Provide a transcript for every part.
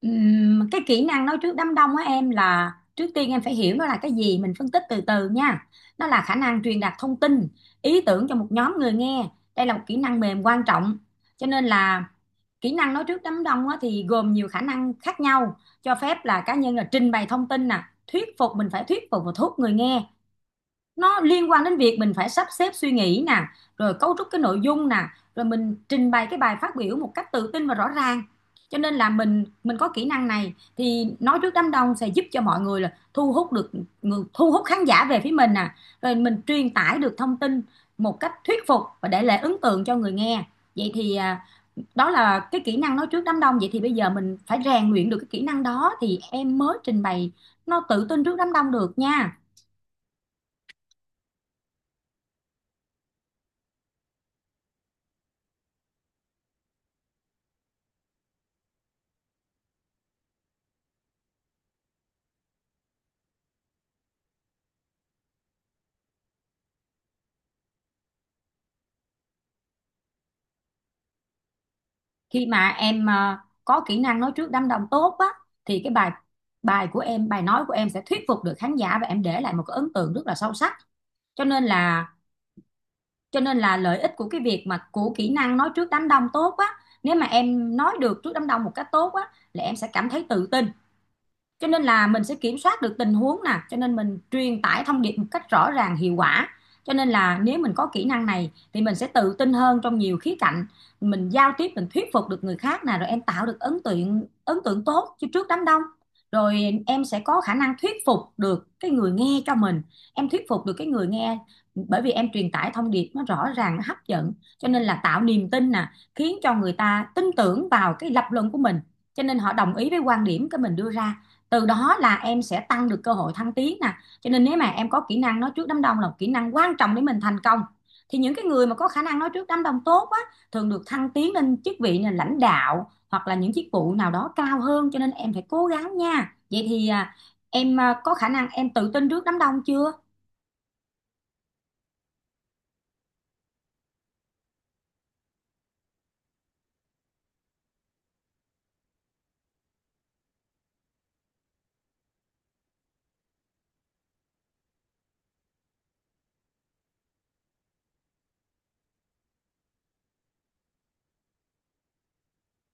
Cái kỹ năng nói trước đám đông á em, là trước tiên em phải hiểu nó là cái gì, mình phân tích từ từ nha. Nó là khả năng truyền đạt thông tin, ý tưởng cho một nhóm người nghe. Đây là một kỹ năng mềm quan trọng, cho nên là kỹ năng nói trước đám đông á, thì gồm nhiều khả năng khác nhau, cho phép là cá nhân là trình bày thông tin nè, thuyết phục, mình phải thuyết phục và thuyết người nghe. Nó liên quan đến việc mình phải sắp xếp suy nghĩ nè, rồi cấu trúc cái nội dung nè, rồi mình trình bày cái bài phát biểu một cách tự tin và rõ ràng. Cho nên là mình có kỹ năng này thì nói trước đám đông sẽ giúp cho mọi người là thu hút được người, thu hút khán giả về phía mình nè, rồi mình truyền tải được thông tin một cách thuyết phục và để lại ấn tượng cho người nghe. Vậy thì đó là cái kỹ năng nói trước đám đông. Vậy thì bây giờ mình phải rèn luyện được cái kỹ năng đó thì em mới trình bày nó tự tin trước đám đông được nha. Khi mà em có kỹ năng nói trước đám đông tốt á, thì cái bài bài của em, bài nói của em sẽ thuyết phục được khán giả và em để lại một cái ấn tượng rất là sâu sắc. Cho nên là, lợi ích của cái việc mà của kỹ năng nói trước đám đông tốt á, nếu mà em nói được trước đám đông một cách tốt á, là em sẽ cảm thấy tự tin. Cho nên là mình sẽ kiểm soát được tình huống nè, cho nên mình truyền tải thông điệp một cách rõ ràng, hiệu quả. Cho nên là nếu mình có kỹ năng này thì mình sẽ tự tin hơn trong nhiều khía cạnh. Mình giao tiếp, mình thuyết phục được người khác nè, rồi em tạo được ấn tượng tốt chứ trước đám đông. Rồi em sẽ có khả năng thuyết phục được cái người nghe cho mình, em thuyết phục được cái người nghe bởi vì em truyền tải thông điệp nó rõ ràng, nó hấp dẫn, cho nên là tạo niềm tin nè, khiến cho người ta tin tưởng vào cái lập luận của mình, cho nên họ đồng ý với quan điểm cái mình đưa ra. Từ đó là em sẽ tăng được cơ hội thăng tiến nè, cho nên nếu mà em có kỹ năng nói trước đám đông là một kỹ năng quan trọng để mình thành công. Thì những cái người mà có khả năng nói trước đám đông tốt á, thường được thăng tiến lên chức vị là lãnh đạo hoặc là những chức vụ nào đó cao hơn, cho nên em phải cố gắng nha. Vậy thì em có khả năng em tự tin trước đám đông chưa?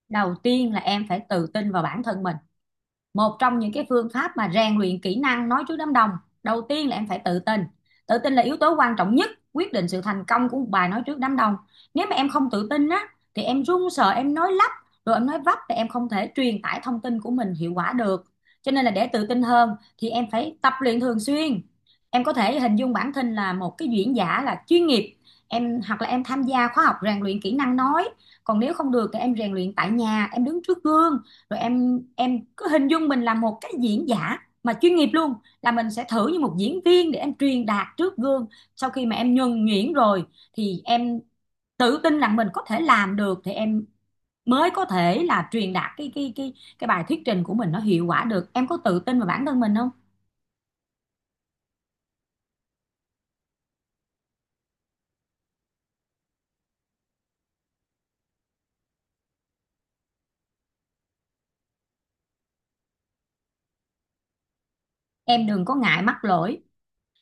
Đầu tiên là em phải tự tin vào bản thân mình. Một trong những cái phương pháp mà rèn luyện kỹ năng nói trước đám đông, đầu tiên là em phải tự tin. Tự tin là yếu tố quan trọng nhất quyết định sự thành công của một bài nói trước đám đông. Nếu mà em không tự tin á, thì em run sợ, em nói lắp, rồi em nói vấp thì em không thể truyền tải thông tin của mình hiệu quả được. Cho nên là để tự tin hơn thì em phải tập luyện thường xuyên. Em có thể hình dung bản thân là một cái diễn giả là chuyên nghiệp, em hoặc là em tham gia khóa học rèn luyện kỹ năng nói, còn nếu không được thì em rèn luyện tại nhà, em đứng trước gương, rồi em cứ hình dung mình là một cái diễn giả mà chuyên nghiệp luôn, là mình sẽ thử như một diễn viên để em truyền đạt trước gương. Sau khi mà em nhuần nhuyễn rồi thì em tự tin rằng mình có thể làm được thì em mới có thể là truyền đạt cái bài thuyết trình của mình nó hiệu quả được. Em có tự tin vào bản thân mình không? Em đừng có ngại mắc lỗi.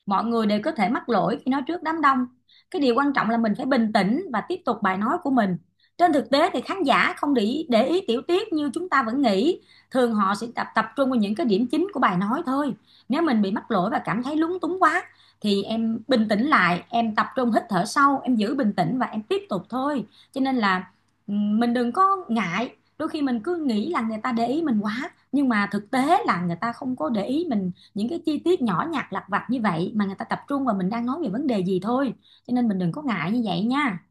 Mọi người đều có thể mắc lỗi khi nói trước đám đông. Cái điều quan trọng là mình phải bình tĩnh và tiếp tục bài nói của mình. Trên thực tế thì khán giả không để ý tiểu tiết như chúng ta vẫn nghĩ. Thường họ sẽ tập tập trung vào những cái điểm chính của bài nói thôi. Nếu mình bị mắc lỗi và cảm thấy lúng túng quá, thì em bình tĩnh lại, em tập trung hít thở sâu, em giữ bình tĩnh và em tiếp tục thôi. Cho nên là mình đừng có ngại, đôi khi mình cứ nghĩ là người ta để ý mình quá nhưng mà thực tế là người ta không có để ý mình những cái chi tiết nhỏ nhặt lặt vặt như vậy, mà người ta tập trung vào mình đang nói về vấn đề gì thôi. Cho nên mình đừng có ngại như vậy nha.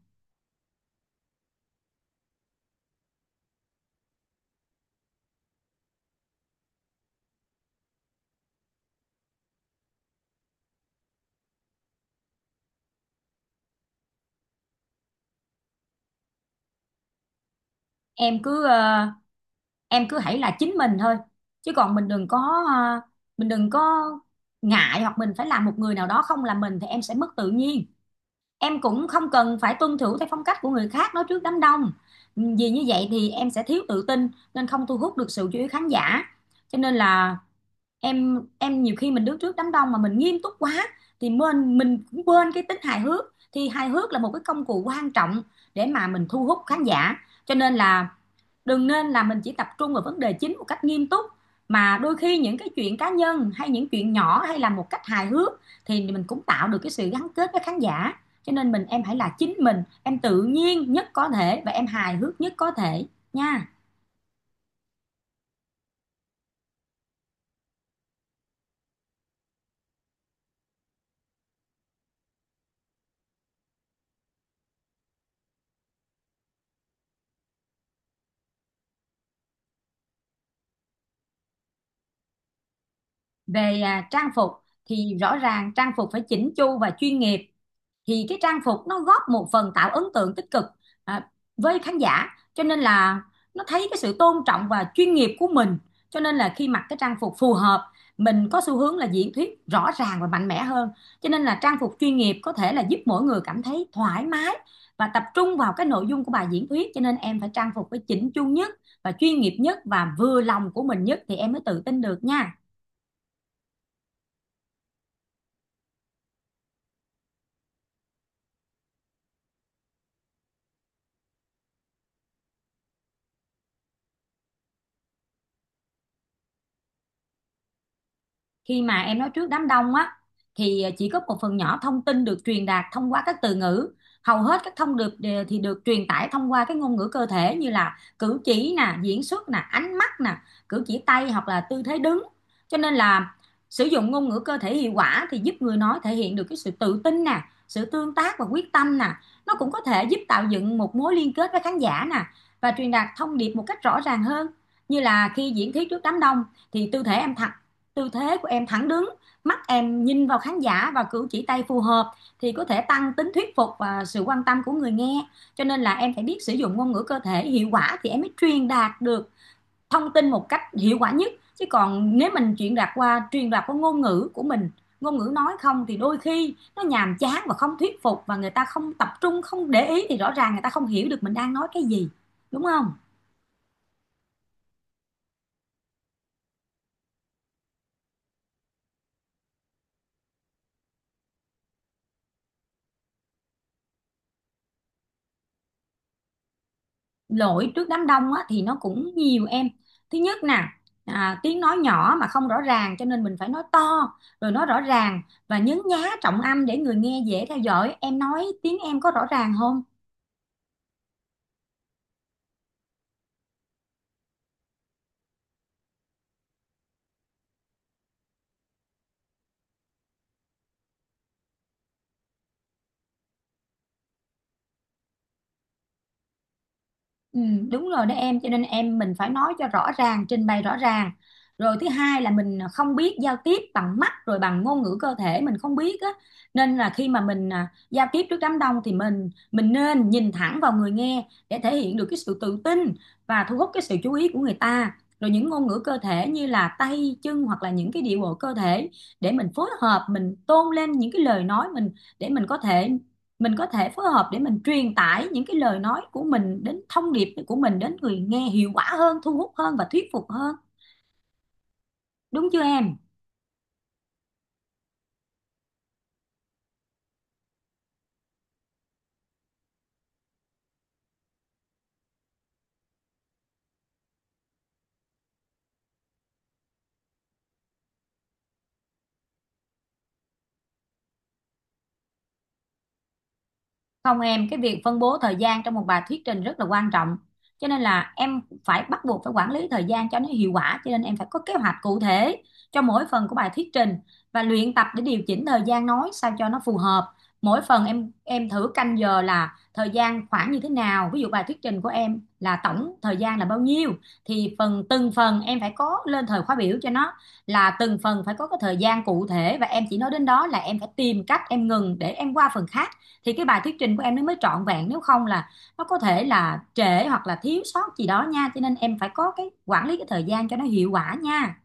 Em cứ em cứ hãy là chính mình thôi, chứ còn mình đừng có, mình đừng có ngại hoặc mình phải làm một người nào đó không là mình thì em sẽ mất tự nhiên. Em cũng không cần phải tuân thủ theo phong cách của người khác nói trước đám đông, vì như vậy thì em sẽ thiếu tự tin nên không thu hút được sự chú ý khán giả. Cho nên là em nhiều khi mình đứng trước đám đông mà mình nghiêm túc quá, thì mình cũng quên cái tính hài hước. Thì hài hước là một cái công cụ quan trọng để mà mình thu hút khán giả. Cho nên là đừng nên là mình chỉ tập trung vào vấn đề chính một cách nghiêm túc, mà đôi khi những cái chuyện cá nhân hay những chuyện nhỏ hay là một cách hài hước thì mình cũng tạo được cái sự gắn kết với khán giả. Cho nên mình, em hãy là chính mình, em tự nhiên nhất có thể và em hài hước nhất có thể nha. Về trang phục, thì rõ ràng trang phục phải chỉnh chu và chuyên nghiệp. Thì cái trang phục nó góp một phần tạo ấn tượng tích cực, à, với khán giả. Cho nên là nó thấy cái sự tôn trọng và chuyên nghiệp của mình. Cho nên là khi mặc cái trang phục phù hợp, mình có xu hướng là diễn thuyết rõ ràng và mạnh mẽ hơn. Cho nên là trang phục chuyên nghiệp có thể là giúp mỗi người cảm thấy thoải mái và tập trung vào cái nội dung của bài diễn thuyết, cho nên em phải trang phục phải chỉnh chu nhất và chuyên nghiệp nhất và vừa lòng của mình nhất thì em mới tự tin được nha. Khi mà em nói trước đám đông á, thì chỉ có một phần nhỏ thông tin được truyền đạt thông qua các từ ngữ. Hầu hết các thông điệp thì được truyền tải thông qua cái ngôn ngữ cơ thể, như là cử chỉ nè, diễn xuất nè, ánh mắt nè, cử chỉ tay hoặc là tư thế đứng. Cho nên là sử dụng ngôn ngữ cơ thể hiệu quả thì giúp người nói thể hiện được cái sự tự tin nè, sự tương tác và quyết tâm nè. Nó cũng có thể giúp tạo dựng một mối liên kết với khán giả nè, và truyền đạt thông điệp một cách rõ ràng hơn. Như là khi diễn thuyết trước đám đông thì tư thế của em thẳng đứng, mắt em nhìn vào khán giả và cử chỉ tay phù hợp thì có thể tăng tính thuyết phục và sự quan tâm của người nghe. Cho nên là em phải biết sử dụng ngôn ngữ cơ thể hiệu quả thì em mới truyền đạt được thông tin một cách hiệu quả nhất, chứ còn nếu mình truyền đạt qua ngôn ngữ của mình, ngôn ngữ nói không, thì đôi khi nó nhàm chán và không thuyết phục và người ta không tập trung, không để ý thì rõ ràng người ta không hiểu được mình đang nói cái gì, đúng không? Lỗi trước đám đông á, thì nó cũng nhiều em. Thứ nhất nè, tiếng nói nhỏ mà không rõ ràng, cho nên mình phải nói to, rồi nói rõ ràng và nhấn nhá trọng âm để người nghe dễ theo dõi. Em nói tiếng em có rõ ràng không? Ừ, đúng rồi đó em, cho nên em mình phải nói cho rõ ràng, trình bày rõ ràng. Rồi thứ hai là mình không biết giao tiếp bằng mắt, rồi bằng ngôn ngữ cơ thể mình không biết á, nên là khi mà mình giao tiếp trước đám đông thì mình nên nhìn thẳng vào người nghe để thể hiện được cái sự tự tin và thu hút cái sự chú ý của người ta. Rồi những ngôn ngữ cơ thể như là tay chân hoặc là những cái điệu bộ cơ thể để mình phối hợp, mình tôn lên những cái lời nói mình, để mình có thể phối hợp để mình truyền tải những cái lời nói của mình, đến thông điệp của mình đến người nghe hiệu quả hơn, thu hút hơn và thuyết phục hơn. Đúng chưa em? Không em, cái việc phân bố thời gian trong một bài thuyết trình rất là quan trọng. Cho nên là em phải bắt buộc phải quản lý thời gian cho nó hiệu quả, cho nên em phải có kế hoạch cụ thể cho mỗi phần của bài thuyết trình và luyện tập để điều chỉnh thời gian nói sao cho nó phù hợp. Mỗi phần em thử canh giờ là thời gian khoảng như thế nào, ví dụ bài thuyết trình của em là tổng thời gian là bao nhiêu, thì phần từng phần em phải có lên thời khóa biểu cho nó, là từng phần phải có cái thời gian cụ thể và em chỉ nói đến đó là em phải tìm cách em ngừng để em qua phần khác, thì cái bài thuyết trình của em nó mới trọn vẹn. Nếu không là nó có thể là trễ hoặc là thiếu sót gì đó nha, cho nên em phải có cái quản lý cái thời gian cho nó hiệu quả nha.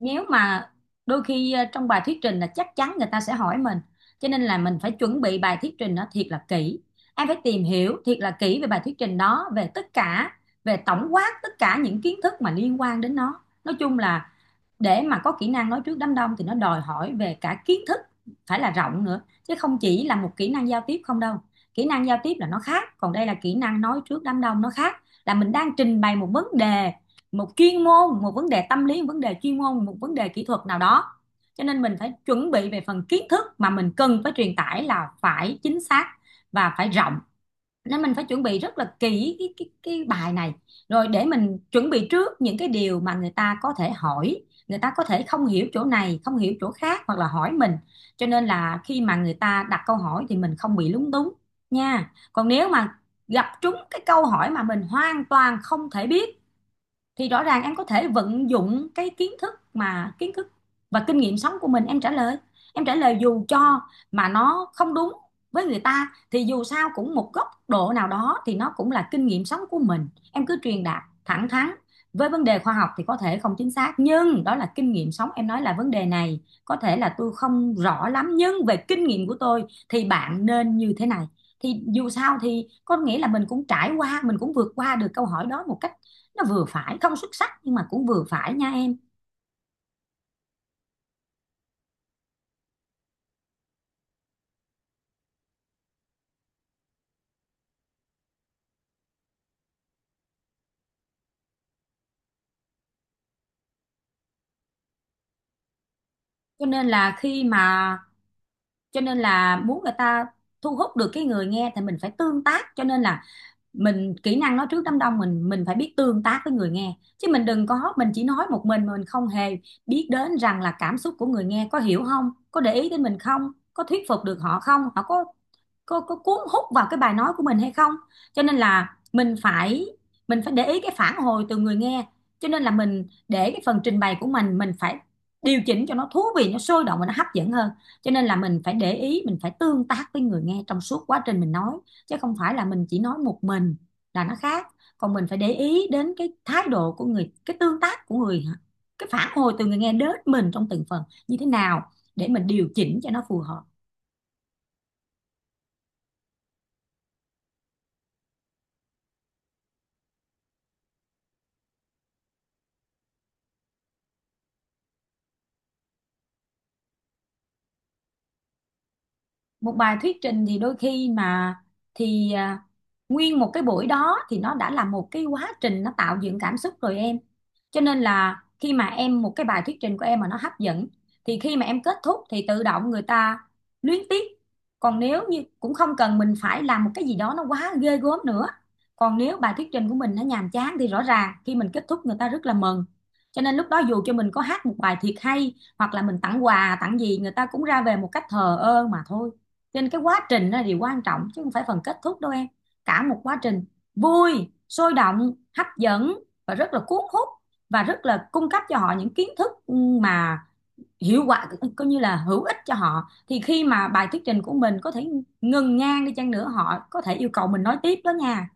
Nếu mà đôi khi trong bài thuyết trình là chắc chắn người ta sẽ hỏi mình, cho nên là mình phải chuẩn bị bài thuyết trình nó thiệt là kỹ. Em phải tìm hiểu thiệt là kỹ về bài thuyết trình đó, về tất cả, về tổng quát tất cả những kiến thức mà liên quan đến nó, nói chung là để mà có kỹ năng nói trước đám đông thì nó đòi hỏi về cả kiến thức phải là rộng nữa, chứ không chỉ là một kỹ năng giao tiếp không đâu. Kỹ năng giao tiếp là nó khác, còn đây là kỹ năng nói trước đám đông nó khác, là mình đang trình bày một vấn đề, một chuyên môn, một vấn đề tâm lý, một vấn đề chuyên môn, một vấn đề kỹ thuật nào đó, cho nên mình phải chuẩn bị về phần kiến thức mà mình cần phải truyền tải là phải chính xác và phải rộng. Nên mình phải chuẩn bị rất là kỹ cái bài này, rồi để mình chuẩn bị trước những cái điều mà người ta có thể hỏi. Người ta có thể không hiểu chỗ này, không hiểu chỗ khác hoặc là hỏi mình, cho nên là khi mà người ta đặt câu hỏi thì mình không bị lúng túng nha. Còn nếu mà gặp trúng cái câu hỏi mà mình hoàn toàn không thể biết, thì rõ ràng em có thể vận dụng cái kiến thức, kiến thức và kinh nghiệm sống của mình, em trả lời. Em trả lời dù cho mà nó không đúng với người ta, thì dù sao cũng một góc độ nào đó thì nó cũng là kinh nghiệm sống của mình, em cứ truyền đạt thẳng thắn. Với vấn đề khoa học thì có thể không chính xác, nhưng đó là kinh nghiệm sống, em nói là vấn đề này có thể là tôi không rõ lắm, nhưng về kinh nghiệm của tôi thì bạn nên như thế này, thì dù sao thì có nghĩa là mình cũng trải qua, mình cũng vượt qua được câu hỏi đó một cách nó vừa phải, không xuất sắc nhưng mà cũng vừa phải nha em. cho nên là khi mà cho nên là muốn người ta thu hút được cái người nghe thì mình phải tương tác, cho nên là mình kỹ năng nói trước đám đông mình phải biết tương tác với người nghe, chứ mình đừng có mình chỉ nói một mình mà mình không hề biết đến rằng là cảm xúc của người nghe có hiểu không, có để ý đến mình không, có thuyết phục được họ không, họ có có cuốn hút vào cái bài nói của mình hay không. Cho nên là mình phải để ý cái phản hồi từ người nghe. Cho nên là mình để cái phần trình bày của mình phải điều chỉnh cho nó thú vị, nó sôi động và nó hấp dẫn hơn. Cho nên là mình phải để ý, mình phải tương tác với người nghe trong suốt quá trình mình nói, chứ không phải là mình chỉ nói một mình là nó khác. Còn mình phải để ý đến cái thái độ của người, cái tương tác của người, cái phản hồi từ người nghe đến mình trong từng phần như thế nào để mình điều chỉnh cho nó phù hợp. Một bài thuyết trình thì đôi khi mà thì à, nguyên một cái buổi đó thì nó đã là một cái quá trình nó tạo dựng cảm xúc rồi em. Cho nên là khi mà em một cái bài thuyết trình của em mà nó hấp dẫn, thì khi mà em kết thúc thì tự động người ta luyến tiếc, còn nếu như cũng không cần mình phải làm một cái gì đó nó quá ghê gớm nữa. Còn nếu bài thuyết trình của mình nó nhàm chán thì rõ ràng khi mình kết thúc người ta rất là mừng, cho nên lúc đó dù cho mình có hát một bài thiệt hay hoặc là mình tặng quà tặng gì người ta cũng ra về một cách thờ ơ mà thôi. Cho nên cái quá trình đó là điều quan trọng, chứ không phải phần kết thúc đâu em. Cả một quá trình vui, sôi động, hấp dẫn và rất là cuốn hút, và rất là cung cấp cho họ những kiến thức mà hiệu quả, coi như là hữu ích cho họ, thì khi mà bài thuyết trình của mình có thể ngừng ngang đi chăng nữa, họ có thể yêu cầu mình nói tiếp đó nha.